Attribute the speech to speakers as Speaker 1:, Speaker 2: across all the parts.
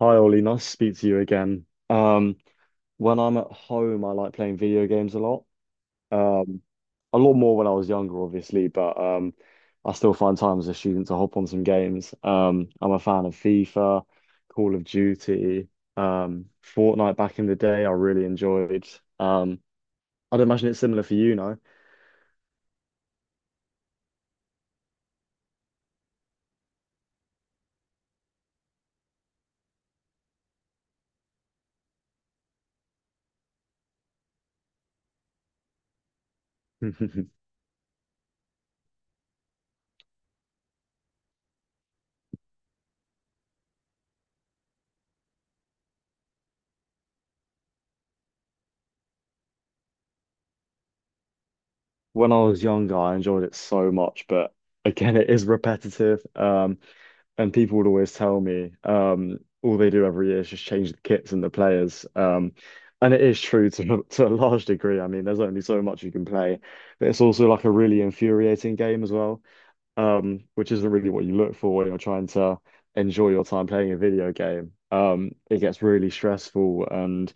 Speaker 1: Hi Ollie, nice to speak to you again. When I'm at home, I like playing video games a lot. Um, a lot more when I was younger, obviously, but I still find time as a student to hop on some games. I'm a fan of FIFA, Call of Duty, um, Fortnite back in the day, I really enjoyed. Um, I'd imagine it's similar for you, no? When I was younger, I enjoyed it so much, but again, it is repetitive. And people would always tell me all they do every year is just change the kits and the players. And it is true to to a large degree. I mean, there's only so much you can play, but it's also like a really infuriating game as well, which isn't really what you look for when you're trying to enjoy your time playing a video game. It gets really stressful, and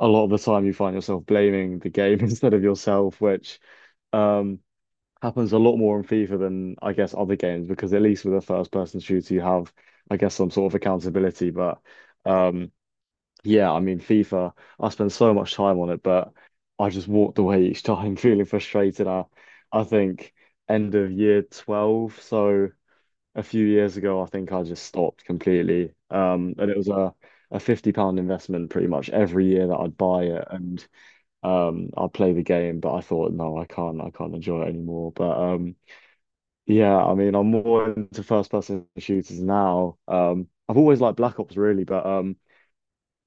Speaker 1: a lot of the time you find yourself blaming the game instead of yourself, which um, happens a lot more in FIFA than I guess other games because at least with a first person shooter you have I guess some sort of accountability. But um yeah, I mean FIFA, I spend so much time on it, but I just walked away each time feeling frustrated. I think end of year 12, so a few years ago I think I just stopped completely. And it was a £50 investment pretty much every year that I'd buy it. And I'd play the game, but I thought, no, I can't enjoy it anymore. But yeah, I mean, I'm more into first person shooters now. I've always liked Black Ops really, but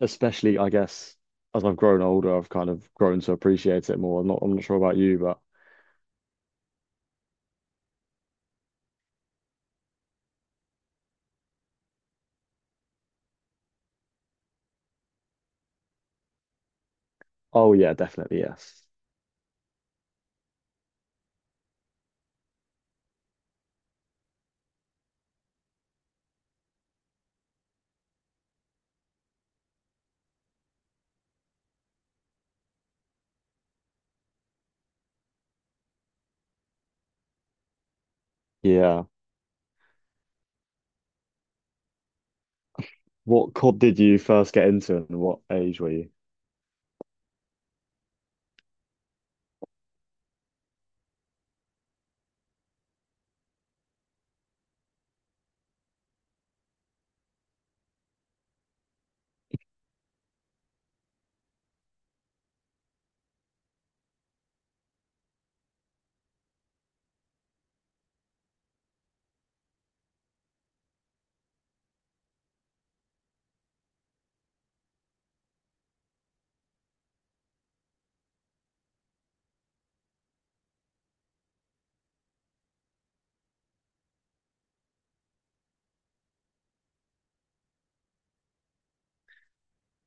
Speaker 1: especially I guess as I've grown older, I've kind of grown to appreciate it more. I'm not sure about you, but oh yeah, definitely yes. Yeah. What COD did you first get into, and what age were you?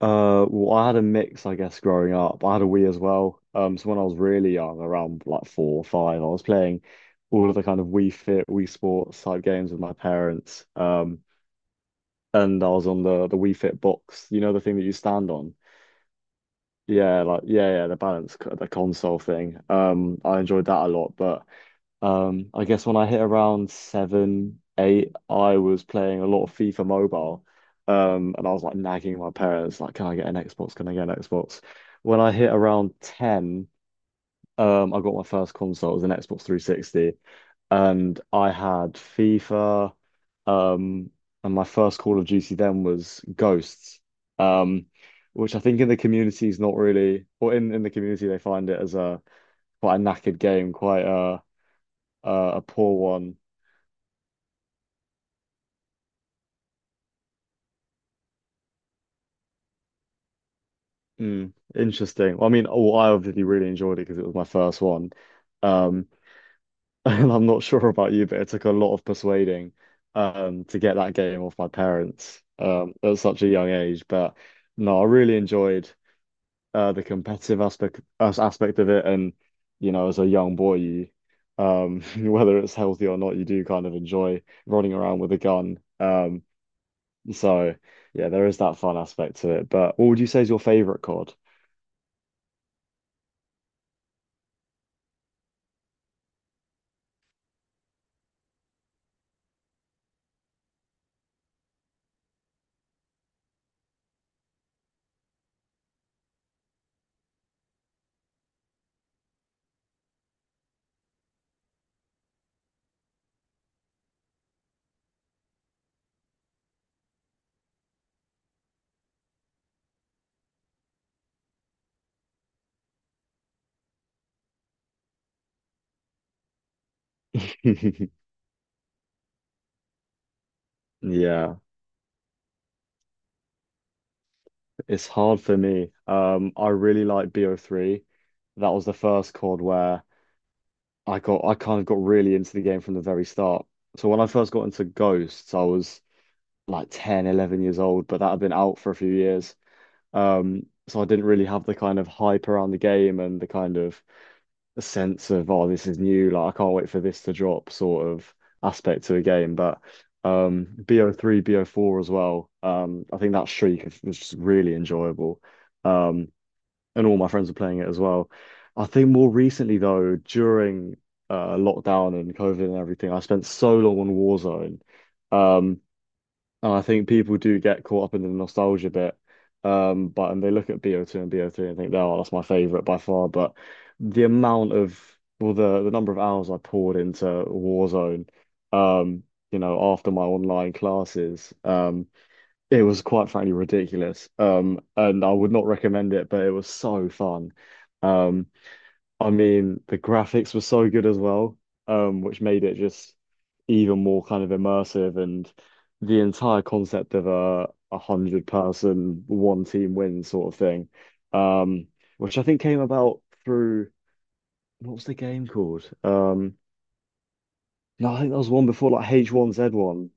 Speaker 1: Well, I had a mix, I guess, growing up. I had a Wii as well. So when I was really young, around like four or five, I was playing all of the kind of Wii Fit, Wii Sports type games with my parents. And I was on the Wii Fit box, you know, the thing that you stand on. Yeah, like yeah, yeah, the balance, the console thing. I enjoyed that a lot, but I guess when I hit around seven, eight, I was playing a lot of FIFA Mobile. And I was like nagging my parents, like, can I get an Xbox? Can I get an Xbox? When I hit around 10, I got my first console. It was an Xbox 360. And I had FIFA. Um, and my first Call of Duty then was Ghosts. Um, which I think in the community is not really, or in the community they find it as a quite a knackered game, quite a, a poor one. Mm, interesting. Well, I mean, oh, I obviously really enjoyed it because it was my first one. Um, and I'm not sure about you, but it took a lot of persuading to get that game off my parents at such a young age. But no, I really enjoyed the competitive aspect aspect of it. And you know, as a young boy, whether it's healthy or not, you do kind of enjoy running around with a gun. So yeah, there is that fun aspect to it. But what would you say is your favorite COD? Yeah. It's hard for me. I really like BO3. That was the first COD where I kind of got really into the game from the very start. So when I first got into Ghosts, I was like 10, 11 years old, but that had been out for a few years. So I didn't really have the kind of hype around the game and the kind of the sense of, oh, this is new, like I can't wait for this to drop sort of aspect to a game. But BO3, BO4 as well. I think that streak was just really enjoyable. Um, and all my friends were playing it as well. I think more recently though, during lockdown and COVID and everything, I spent so long on Warzone. Um, and I think people do get caught up in the nostalgia bit. But and they look at BO2 and BO3 and think, oh, that's my favorite by far. But the amount of well, the number of hours I poured into Warzone, um, you know, after my online classes, it was quite frankly ridiculous. And I would not recommend it, but it was so fun. Um, I mean, the graphics were so good as well, which made it just even more kind of immersive. And the entire concept of a hundred person, one team win sort of thing, um, which I think came about through what was the game called? No, I think that was one before like H1Z1.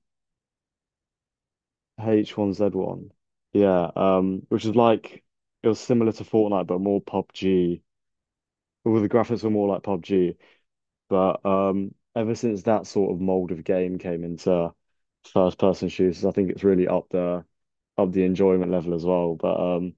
Speaker 1: H1Z1. Yeah, which is like it was similar to Fortnite but more PUBG. All the graphics were more like PUBG. But ever since that sort of mold of game came into first person shooters, I think it's really up the enjoyment level as well. But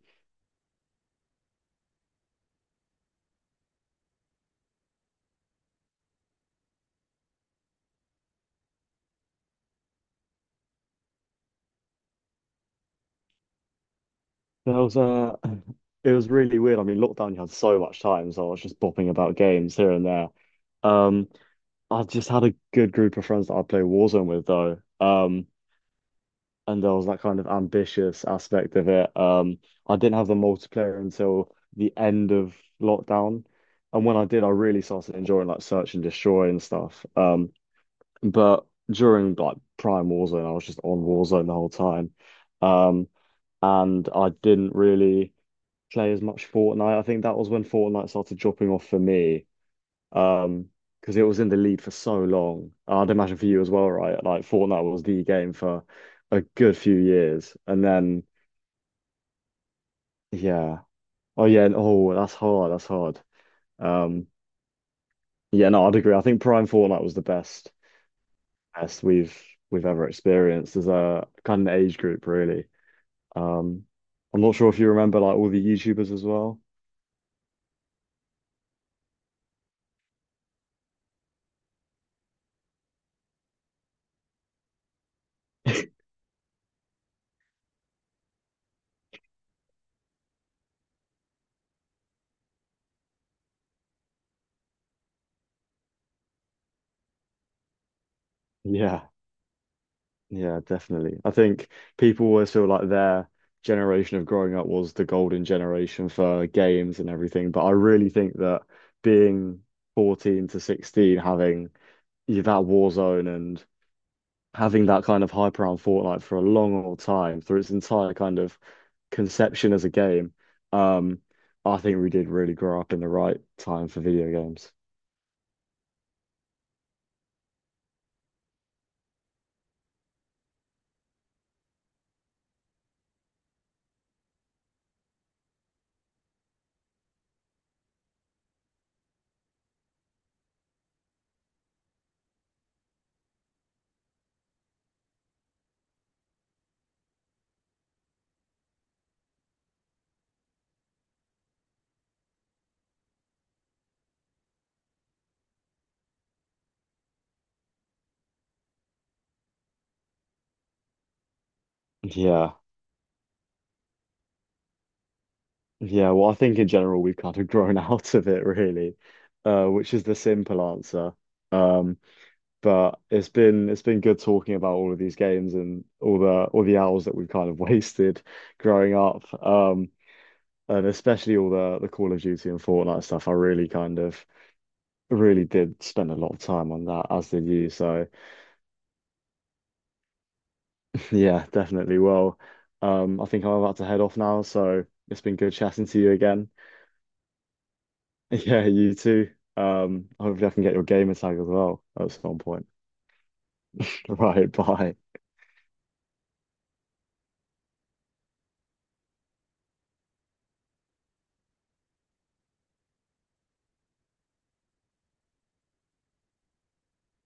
Speaker 1: there was it was really weird. I mean lockdown you had so much time, so I was just bopping about games here and there. Um I just had a good group of friends that I play Warzone with though. And there was that kind of ambitious aspect of it. I didn't have the multiplayer until the end of lockdown, and when I did, I really started enjoying like Search and Destroy and stuff. But during like Prime Warzone, I was just on Warzone the whole time, um, and I didn't really play as much Fortnite. I think that was when Fortnite started dropping off for me. Um, because it was in the lead for so long. I'd imagine for you as well, right? Like Fortnite was the game for a good few years. And then yeah. Oh yeah, and oh that's hard, that's hard. Um yeah, no, I'd agree. I think Prime Fortnite was the best we've ever experienced as a kind of age group, really. Um I'm not sure if you remember like all the YouTubers as well. Yeah. Yeah, definitely. I think people always feel like their generation of growing up was the golden generation for games and everything. But I really think that being 14 to 16, having yeah, that Warzone and having that kind of hype around Fortnite for a long, long time through its entire kind of conception as a game, um, I think we did really grow up in the right time for video games. Yeah. Yeah, well, I think in general we've kind of grown out of it really, which is the simple answer. Um, but it's been good talking about all of these games and all the hours that we've kind of wasted growing up, and especially all the Call of Duty and Fortnite stuff. I really kind of really did spend a lot of time on that, as did you. So yeah, definitely. Well, I think I'm about to head off now, so it's been good chatting to you again. Yeah, you too. Hopefully I can get your gamer tag as well at some point. Right, bye.